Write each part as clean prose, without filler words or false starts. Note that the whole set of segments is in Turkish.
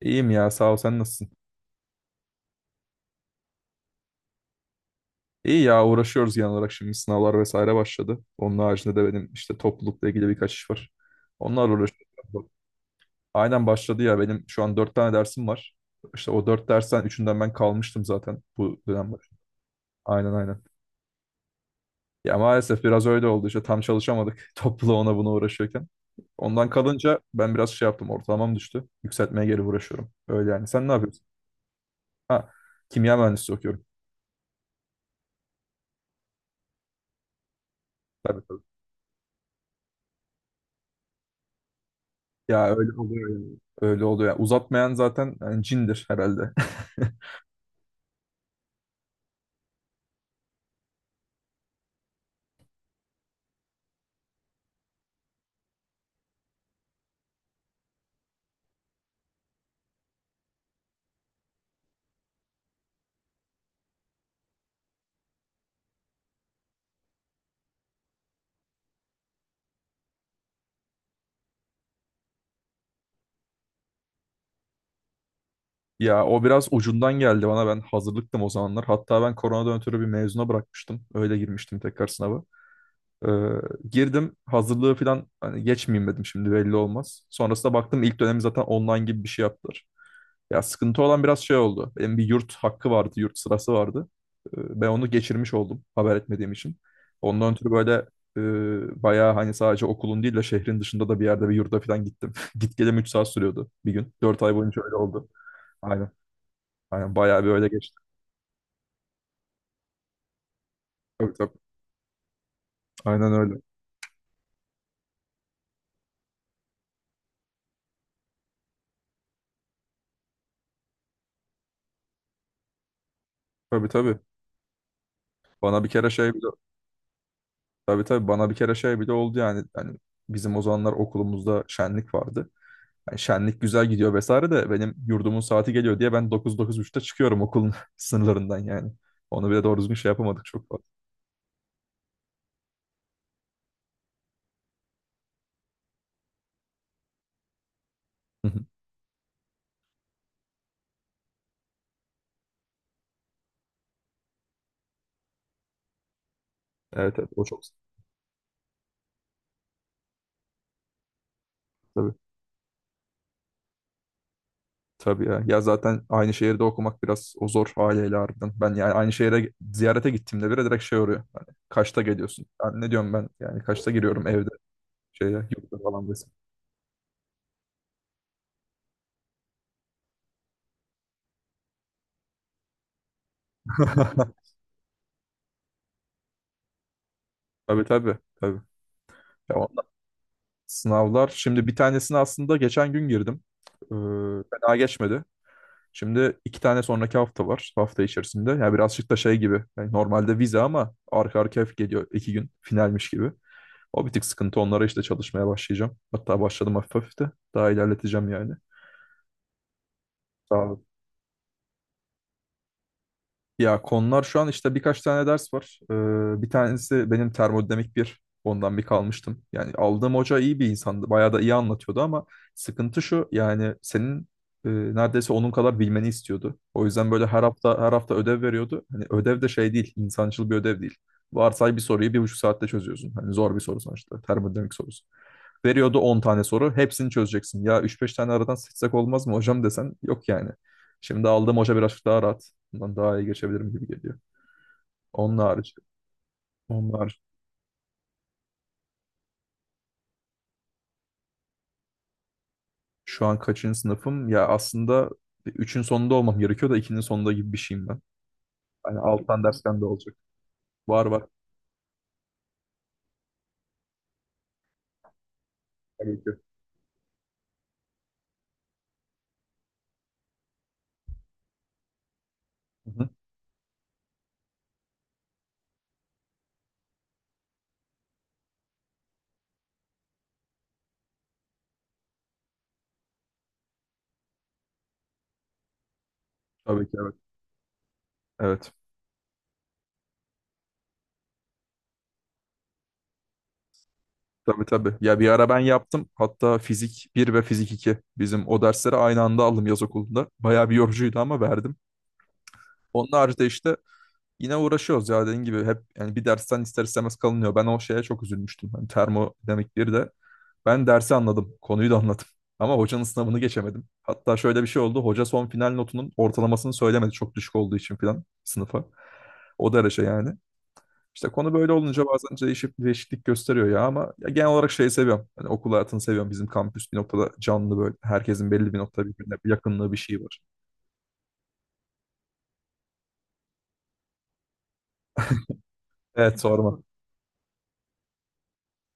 İyiyim ya, sağ ol, sen nasılsın? İyi ya, uğraşıyoruz genel olarak. Şimdi sınavlar vesaire başladı. Onun haricinde de benim işte toplulukla ilgili birkaç iş var. Onlar uğraşıyorum. Aynen, başladı ya, benim şu an dört tane dersim var. İşte o dört dersten üçünden ben kalmıştım zaten bu dönem. Aynen, aynen. Ya maalesef biraz öyle oldu işte, tam çalışamadık topluluğa, ona buna uğraşıyorken. Ondan kalınca ben biraz şey yaptım, ortalamam düştü. Yükseltmeye geri uğraşıyorum. Öyle yani, sen ne yapıyorsun? Ha, kimya mühendisliği okuyorum. Tabii, tabii. Ya öyle oluyor yani. Öyle oluyor. Yani uzatmayan zaten yani cindir herhalde. Ya o biraz ucundan geldi bana. Ben hazırlıktım o zamanlar. Hatta ben koronadan ötürü bir mezuna bırakmıştım. Öyle girmiştim tekrar sınava. Ee, girdim hazırlığı falan, hani geçmeyeyim dedim, şimdi belli olmaz. Sonrasında baktım ilk dönemi zaten online gibi bir şey yaptılar. Ya sıkıntı olan biraz şey oldu. Benim bir yurt hakkı vardı, yurt sırası vardı. Ben onu geçirmiş oldum, haber etmediğim için. Ondan ötürü böyle bayağı, hani sadece okulun değil de şehrin dışında da bir yerde, bir yurda falan gittim. Git gelem 3 saat sürüyordu bir gün. Dört ay boyunca öyle oldu. Aynen. Aynen, bayağı bir öyle geçti. Tabii, tabii. Aynen öyle. Tabii, tabii. Bana bir kere şey bile tabii, tabii, bana bir kere şey bile oldu yani. Yani bizim o zamanlar okulumuzda şenlik vardı. Yani şenlik güzel gidiyor vesaire de, benim yurdumun saati geliyor diye ben dokuz dokuz 9.30'da çıkıyorum okulun sınırlarından yani. Onu bile doğru düzgün şey yapamadık çok fazla. Hı hı. Evet, evet, o çok sıkıntı tabii. Tabii ya. Ya zaten aynı şehirde okumak biraz o zor aileyle harbiden. Ben yani aynı şehire ziyarete gittiğimde bile direkt şey oluyor. Hani kaçta geliyorsun? Yani ne diyorum ben? Yani kaçta giriyorum evde, şeye, yurda falan desin. Tabii, tabii, tabii. Ya ondan- sınavlar şimdi, bir tanesini aslında geçen gün girdim. Ee, fena geçmedi. Şimdi iki tane sonraki hafta var. Hafta içerisinde. Yani birazcık da şey gibi. Yani normalde vize ama arka arkaya geliyor iki gün, finalmiş gibi. O bir tık sıkıntı. Onlara işte çalışmaya başlayacağım. Hatta başladım hafif hafif de. Daha ilerleteceğim yani. Sağ Ya konular şu an işte birkaç tane ders var. Bir tanesi benim termodinamik bir. Ondan bir kalmıştım. Yani aldığım hoca iyi bir insandı. Bayağı da iyi anlatıyordu ama sıkıntı şu yani, senin neredeyse onun kadar bilmeni istiyordu. O yüzden böyle her hafta, her hafta ödev veriyordu. Hani ödev de şey değil, insancıl bir ödev değil. Varsay, bir soruyu bir buçuk saatte çözüyorsun. Hani zor bir soru sonuçta. Termodinamik sorusu. Veriyordu 10 tane soru. Hepsini çözeceksin. Ya üç beş tane aradan seçsek olmaz mı hocam desen, yok yani. Şimdi aldığım hoca birazcık daha rahat. Bundan daha iyi geçebilirim gibi geliyor. Onun harici. Onlar Şu an kaçıncı sınıfım? Ya aslında üçün sonunda olmam gerekiyor da 2'nin sonunda gibi bir şeyim ben. Hani alttan dersten de olacak. Var, var. Tabii ki. Hı hı. Tabii ki, evet. Evet. Tabii, tabii. Ya bir ara ben yaptım. Hatta fizik bir ve fizik iki, bizim o dersleri aynı anda aldım yaz okulunda. Bayağı bir yorucuydu ama verdim. Onun haricinde işte yine uğraşıyoruz ya, dediğin gibi hep yani, bir dersten ister istemez kalınıyor. Ben o şeye çok üzülmüştüm. Hani termodinamik bir de. Ben dersi anladım. Konuyu da anladım. Ama hocanın sınavını geçemedim. Hatta şöyle bir şey oldu. Hoca son final notunun ortalamasını söylemedi. Çok düşük olduğu için falan sınıfa. O derece yani. İşte konu böyle olunca bazen değişip değişiklik gösteriyor ya, ama ya genel olarak şeyi seviyorum. Hani okul hayatını seviyorum. Bizim kampüs bir noktada canlı böyle. Herkesin belli bir noktada birbirine bir yakınlığı, bir şeyi var. Evet, sorma.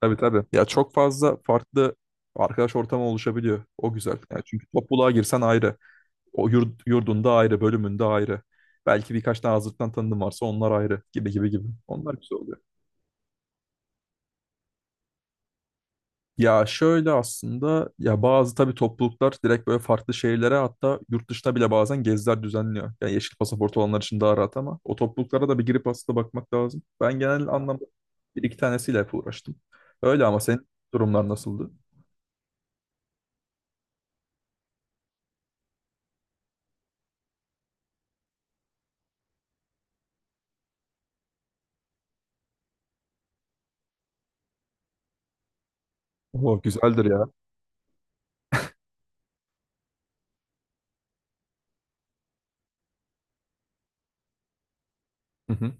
Tabii, tabii. Ya çok fazla farklı arkadaş ortamı oluşabiliyor. O güzel. Yani, çünkü topluluğa girsen ayrı. O yurt, yurdunda ayrı, bölümünde ayrı. Belki birkaç tane hazırlıktan tanıdığın varsa onlar ayrı, gibi gibi gibi. Onlar güzel oluyor. Ya şöyle, aslında ya bazı tabii topluluklar direkt böyle farklı şehirlere, hatta yurt dışına bile bazen geziler düzenliyor. Yani yeşil pasaport olanlar için daha rahat, ama o topluluklara da bir girip aslında bakmak lazım. Ben genel anlamda bir iki tanesiyle hep uğraştım. Öyle, ama senin durumlar nasıldı? Oo, güzeldir ya. Hı hı.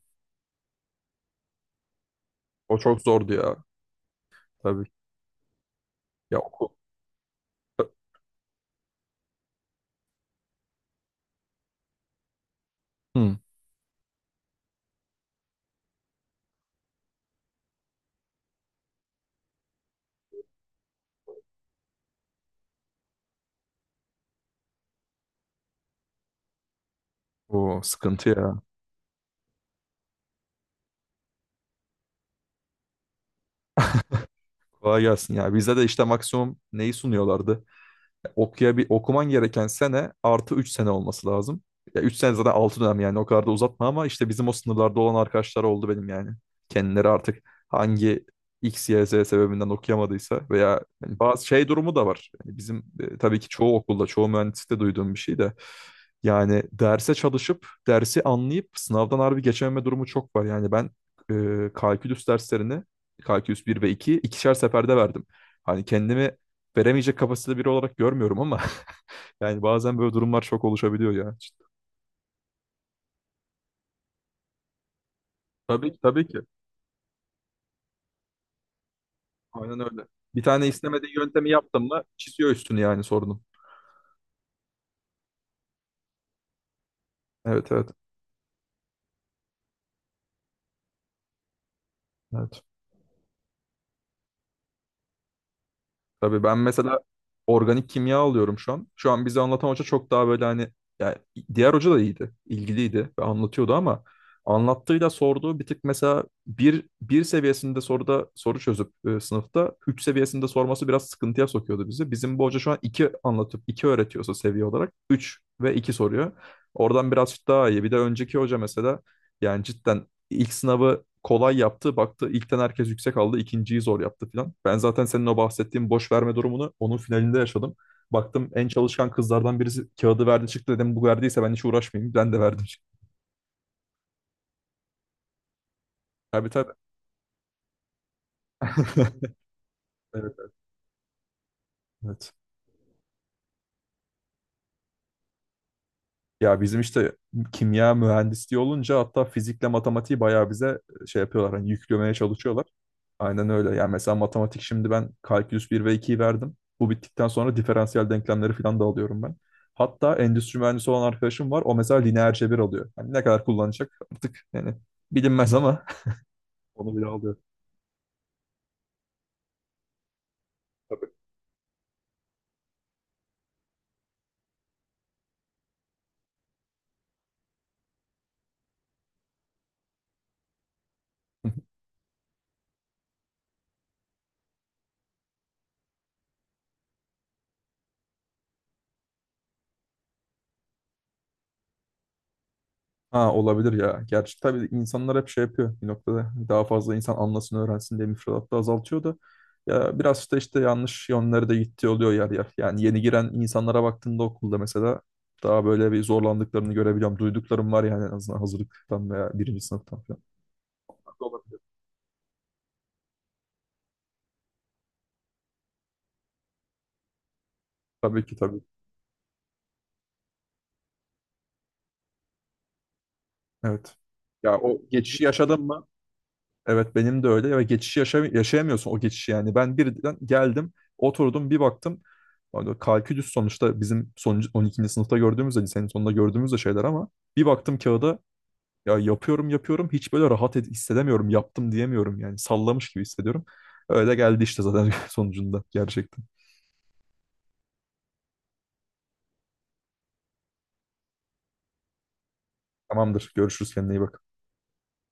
O çok zordu ya. Tabii. Ya okul. Hı. O sıkıntı ya. Kolay gelsin ya. Bizde de işte maksimum neyi sunuyorlardı? Okuya, okuman gereken sene artı 3 sene olması lazım. Ya 3 sene zaten 6 dönem, yani o kadar da uzatma, ama işte bizim o sınırlarda olan arkadaşlar oldu benim yani. Kendileri artık hangi X, Y, Z sebebinden okuyamadıysa veya yani bazı şey durumu da var. Yani bizim tabii ki çoğu okulda, çoğu mühendislikte duyduğum bir şey de yani, derse çalışıp, dersi anlayıp sınavdan harbi geçememe durumu çok var. Yani ben kalkülüs derslerini, kalkülüs bir ve 2 ikişer seferde verdim. Hani kendimi veremeyecek kapasitede biri olarak görmüyorum ama yani bazen böyle durumlar çok oluşabiliyor ya. İşte. Tabii ki, tabii ki. Aynen öyle. Bir tane istemediği yöntemi yaptın mı, çiziyor üstünü yani sorunun. Evet, evet. Evet. Tabii, ben mesela organik kimya alıyorum şu an. Şu an bize anlatan hoca çok daha böyle, hani yani, diğer hoca da iyiydi, ilgiliydi ve anlatıyordu, ama anlattığıyla sorduğu bir tık, mesela bir, bir seviyesinde soruda soru çözüp sınıfta üç seviyesinde sorması biraz sıkıntıya sokuyordu bizi. Bizim bu hoca şu an iki anlatıp iki öğretiyorsa seviye olarak üç ve iki soruyor. Oradan biraz daha iyi. Bir de önceki hoca mesela yani cidden İlk sınavı kolay yaptı. Baktı ilkten herkes yüksek aldı. İkinciyi zor yaptı filan. Ben zaten senin o bahsettiğin boş verme durumunu onun finalinde yaşadım. Baktım en çalışkan kızlardan birisi kağıdı verdi çıktı, dedim bu verdiyse ben hiç uğraşmayayım. Ben de verdim, çıktı. Tabii, tabii. Evet, evet. Ya bizim işte kimya mühendisliği olunca, hatta fizikle matematiği bayağı bize şey yapıyorlar, hani yüklemeye çalışıyorlar. Aynen öyle. Yani mesela matematik, şimdi ben kalkülüs bir ve ikiyi verdim. Bu bittikten sonra diferansiyel denklemleri falan da alıyorum ben. Hatta endüstri mühendisi olan arkadaşım var. O mesela lineer cebir alıyor. Hani ne kadar kullanacak artık yani, bilinmez ama onu bile alıyor. Tabii. Ha, olabilir ya. Gerçi tabii insanlar hep şey yapıyor bir noktada. Daha fazla insan anlasın, öğrensin diye müfredatta azaltıyor da, ya biraz da işte yanlış yönlere de gittiği oluyor yer yer. Yani yeni giren insanlara baktığında okulda mesela daha böyle bir zorlandıklarını görebiliyorum. Duyduklarım var yani, en azından hazırlıktan veya birinci sınıftan falan. Olabilir. Tabii ki, tabii. Evet. Ya o geçişi yaşadın mı? Evet, benim de öyle ve geçişi yaşayamıyorsun o geçişi yani. Ben birden geldim, oturdum bir baktım. Hani kalkülüs sonuçta bizim son on ikinci sınıfta gördüğümüz de, lisenin sonunda gördüğümüz de şeyler, ama bir baktım kağıda, ya yapıyorum yapıyorum hiç böyle rahat hissedemiyorum, yaptım diyemiyorum yani, sallamış gibi hissediyorum. Öyle geldi işte zaten sonucunda gerçekten. Tamamdır, görüşürüz, kendine iyi bak.